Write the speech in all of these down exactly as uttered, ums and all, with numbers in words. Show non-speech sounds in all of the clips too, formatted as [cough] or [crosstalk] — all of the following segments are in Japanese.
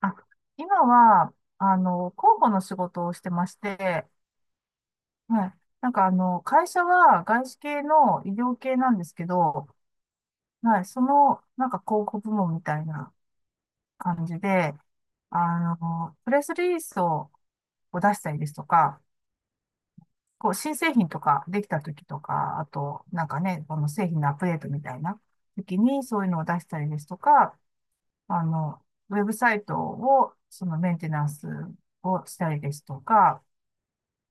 あ、今は、あの、広報の仕事をしてまして、はい。なんかあの、会社は外資系の医療系なんですけど、はい。その、なんか広告部門みたいな感じで、あの、プレスリリースを、を出したりですとか、こう、新製品とかできた時とか、あと、なんかね、この製品のアップデートみたいな時にそういうのを出したりですとか、あの、ウェブサイトを、そのメンテナンスをしたりですとか、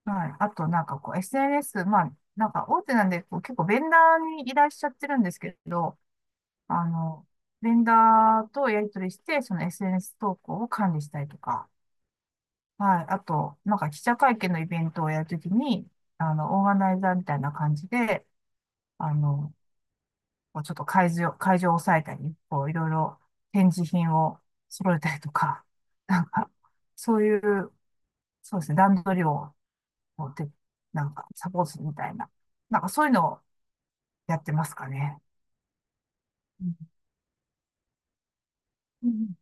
はい。あと、なんかこう、エスエヌエス、まあ、なんか大手なんで、こう、結構ベンダーに依頼しちゃってるんですけど、あの、ベンダーとやり取りして、その エスエヌエス 投稿を管理したりとか、はい。あと、なんか記者会見のイベントをやるときに、あの、オーガナイザーみたいな感じで、あの、こうちょっと会場、会場を抑えたり、こう、いろいろ展示品を揃えたりとか、なんか、そういう、そうですね、段取りをこうて、なんかサポートするみたいな。なんかそういうのをやってますかね。うんうん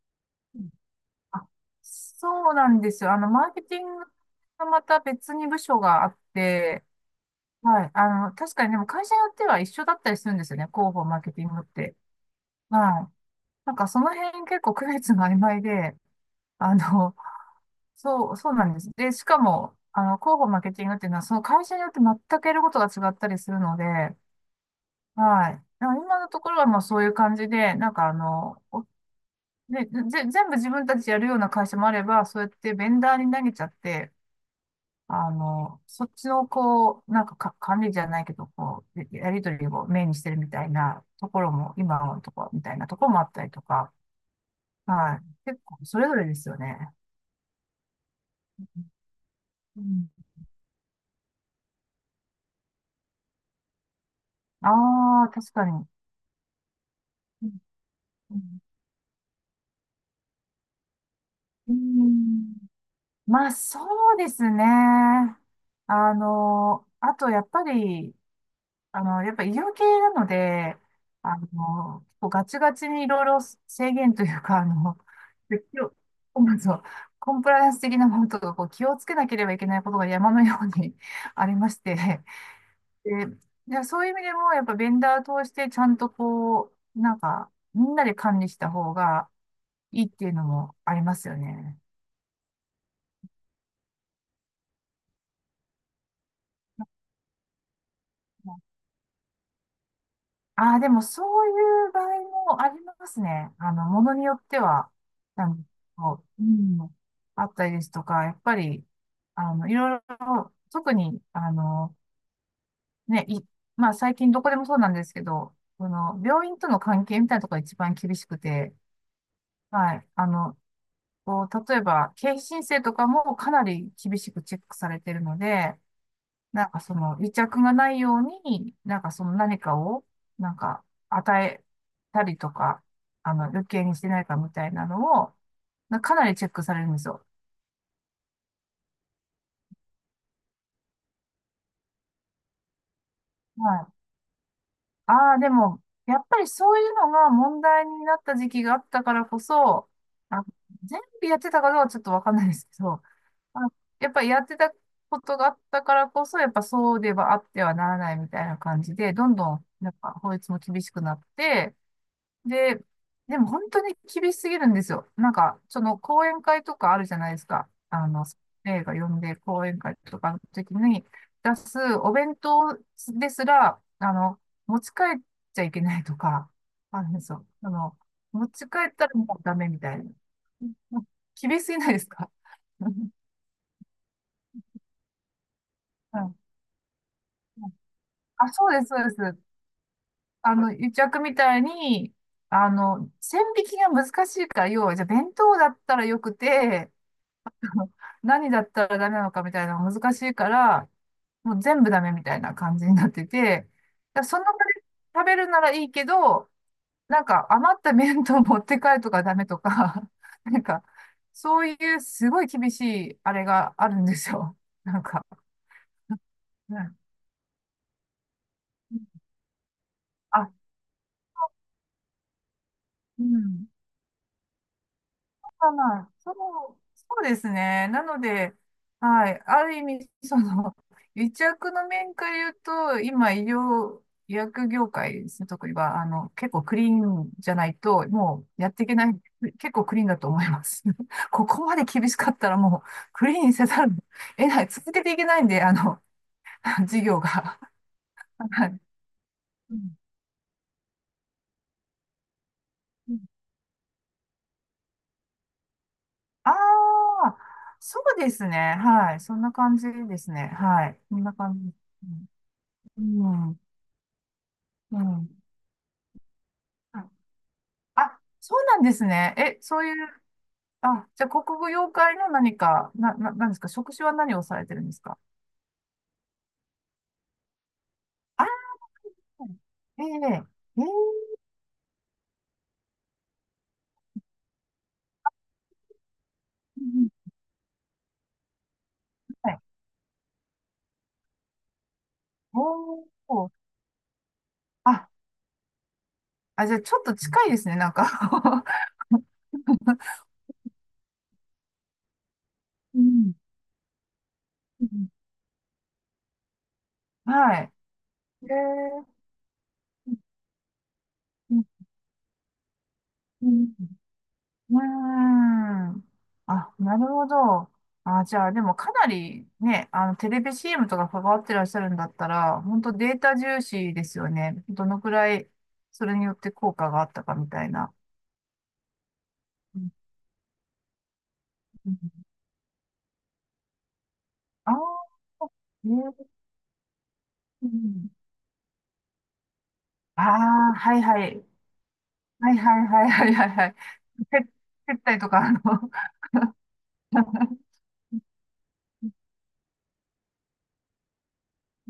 うん、あ、そうなんですよ。あの、マーケティングがまた別に部署があって、はい。あの、確かにでも会社によっては一緒だったりするんですよね。広報、マーケティングって。はい。なんかその辺結構区別が曖昧で、あの、そう、そうなんです。で、しかも、あの、広報、マーケティングっていうのは、その会社によって全くやることが違ったりするので、はい。だから今のところはまあそういう感じで、なんかあの、おで、ぜ、全部自分たちやるような会社もあれば、そうやってベンダーに投げちゃって、あの、そっちのこう、なんか、か、管理じゃないけど、こう、ややりとりをメインにしてるみたいなところも、今のところみたいなところもあったりとか、はい。結構それぞれですよね。うん、ああ、確かに。うんうん、まあ、そうですね。あの、あと、やっぱり、あの、やっぱ医療系なので、あの、結構ガチガチにいろいろ制限というか、あの、で気をまずはコンプライアンス的なものとか、こう気をつけなければいけないことが山のように [laughs] ありまして、で、でそういう意味でも、やっぱベンダーを通してちゃんとこう、なんか、みんなで管理した方がいいっていうのもありますよね。ああ、でもそういう場合もありますね。あの、ものによっては、なんかこう、うん、あったりですとか、やっぱり、あの、いろいろ、特に、あの、ね、い、まあ最近どこでもそうなんですけど、その、病院との関係みたいなところが一番厳しくて、はい、あの、こう、例えば、経費申請とかもかなり厳しくチェックされてるので、なんかその癒着がないように、なんかその何かを、なんか与えたりとか、あの、余計にしてないかみたいなのを、なかなりチェックされるんですよ。はい。ああ、でも、やっぱりそういうのが問題になった時期があったからこそ、あ、全部やってたかどうかちょっとわかんないですけど、あ、やっぱりやってたことがあったからこそ、やっぱそうではあってはならないみたいな感じで、どんどん、なんか法律も厳しくなって、で、でも本当に厳しすぎるんですよ。なんか、その講演会とかあるじゃないですか。あの、映画読んで講演会とかの時に出すお弁当ですら、あの、持ち帰っちゃいけないとか、あるんですよ。あの、持ち帰ったらもうダメみたいな。もう厳しすぎないですか？ [laughs] はい、あ、そうです、そうです。あの、癒着みたいに、あの、線引きが難しいから、要は、じゃあ弁当だったらよくて、[laughs] 何だったらダメなのかみたいなのが難しいから、もう全部ダメみたいな感じになってて、だからその場で食べるならいいけど、なんか余った麺と持って帰るとかダメとか、[laughs] なんか、そういうすごい厳しいあれがあるんですよ。なんか、うん、あ、うん。まあまあ、そう、そうですね。なので、はい。ある意味、その、[laughs] 癒着の面から言うと、今、医療、医薬業界ですね、特には、あの、結構クリーンじゃないと、もうやっていけない、結構クリーンだと思います。[laughs] ここまで厳しかったら、もう、クリーンせざるを得ない、続けていけないんで、あの、[laughs] 事業が。はい、うんうん、ああ、そうですね。はい。そんな感じですね。はい。そんな感じ。うん。うんうん。あ、あ、そうなんですね。え、そういう、あ、じゃあ、国語妖怪の何か、な、な、何んですか、職種は何をされてるんですか？あ、ええ、ええ、うん、はい。おお、あ、あ、じゃあ、ちょっと近いですね、なんか。 [laughs] うん。うん、はい。ええ、うんうん、うーん。あ、なるほど。あ、じゃあ、でもかなりね、あの、テレビ シーエム とか関わってらっしゃるんだったら、本当データ重視ですよね。どのくらい、それによって効果があったかみたいな。うんうん、ああ、えー、ああ、はいはい。はいはいはいはいはいはい。接接待とか、あの。 [laughs]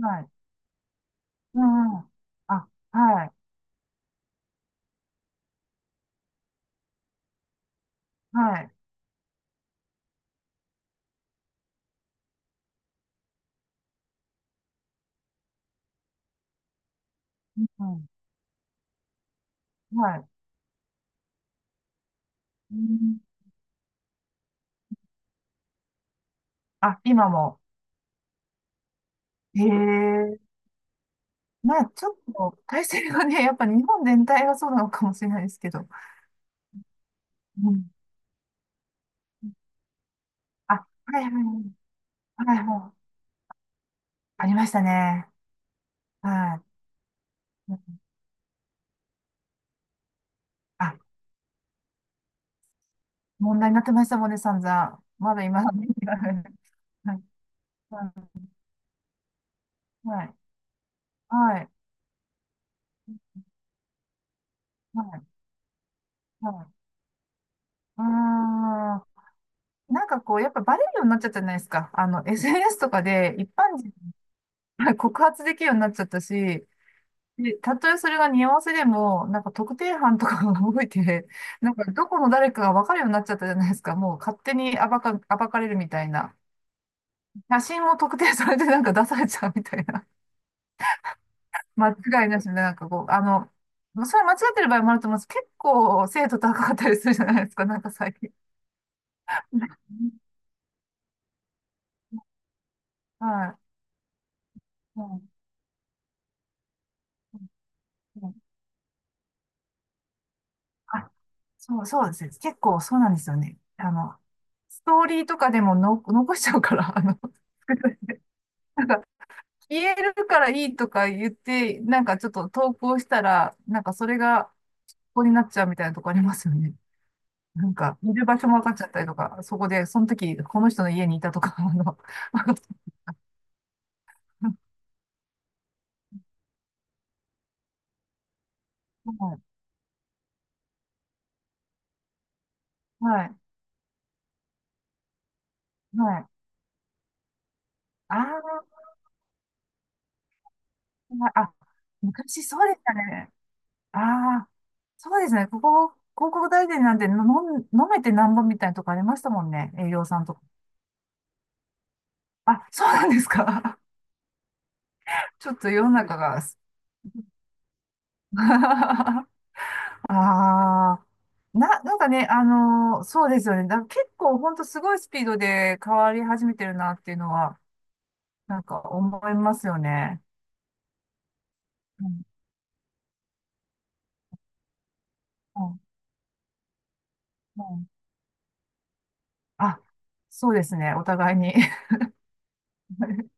はい。うんうん。あ、はい。はい。うん、はい。うん、あ、今も。へえ。まあ、ちょっと体制がね、[laughs] やっぱ日本全体がそうなのかもしれないですけど。うん。あ、はいはい。はいはい。ありましたね。はい。あ、問題になってましたもんね、散々。まだ今だね。 [laughs] はい。はい。はい。はい。はい。あー、なんかこう、やっぱバレるようになっちゃったじゃないですか。あの、エスエヌエス とかで一般人が [laughs] 告発できるようになっちゃったし、で、たとえそれが似合わせでも、なんか特定班とかが動いて、なんかどこの誰かが分かるようになっちゃったじゃないですか。もう勝手に暴か、暴かれるみたいな。写真も特定されてなんか出されちゃうみたいな。[laughs] 間違いなしで、なんかこう、あの、それは間違ってる場合もあると思うんです。結構精度高かったりするじゃないですか。なんか最近。[laughs] はい。うんうん、あ、そう、そうです。結構そうなんですよね。あの、ストーリーとかでもの残しちゃうから、あの、[laughs] 言えるからいいとか言って、なんかちょっと投稿したら、なんかそれがここになっちゃうみたいなとこありますよね。なんか、いる場所も分かっちゃったりとか、そこで、その時、この人の家にいたとか、あの、はい、はい、はい。ああ、あ、昔そうでしたね。ああ、そうですね。ここ、広告代理店なんて飲ん、飲めてなんぼみたいなとこありましたもんね。営業さんとか。あ、そうなんですか。[laughs] ちょっと世の中が。[laughs] ああ、な、なんかね、あのーそうですよね。だから結構ほんとすごいスピードで変わり始めてるなっていうのは、なんか思いますよね。うん、うん、うん。あ、そうですね。お互いに。[laughs]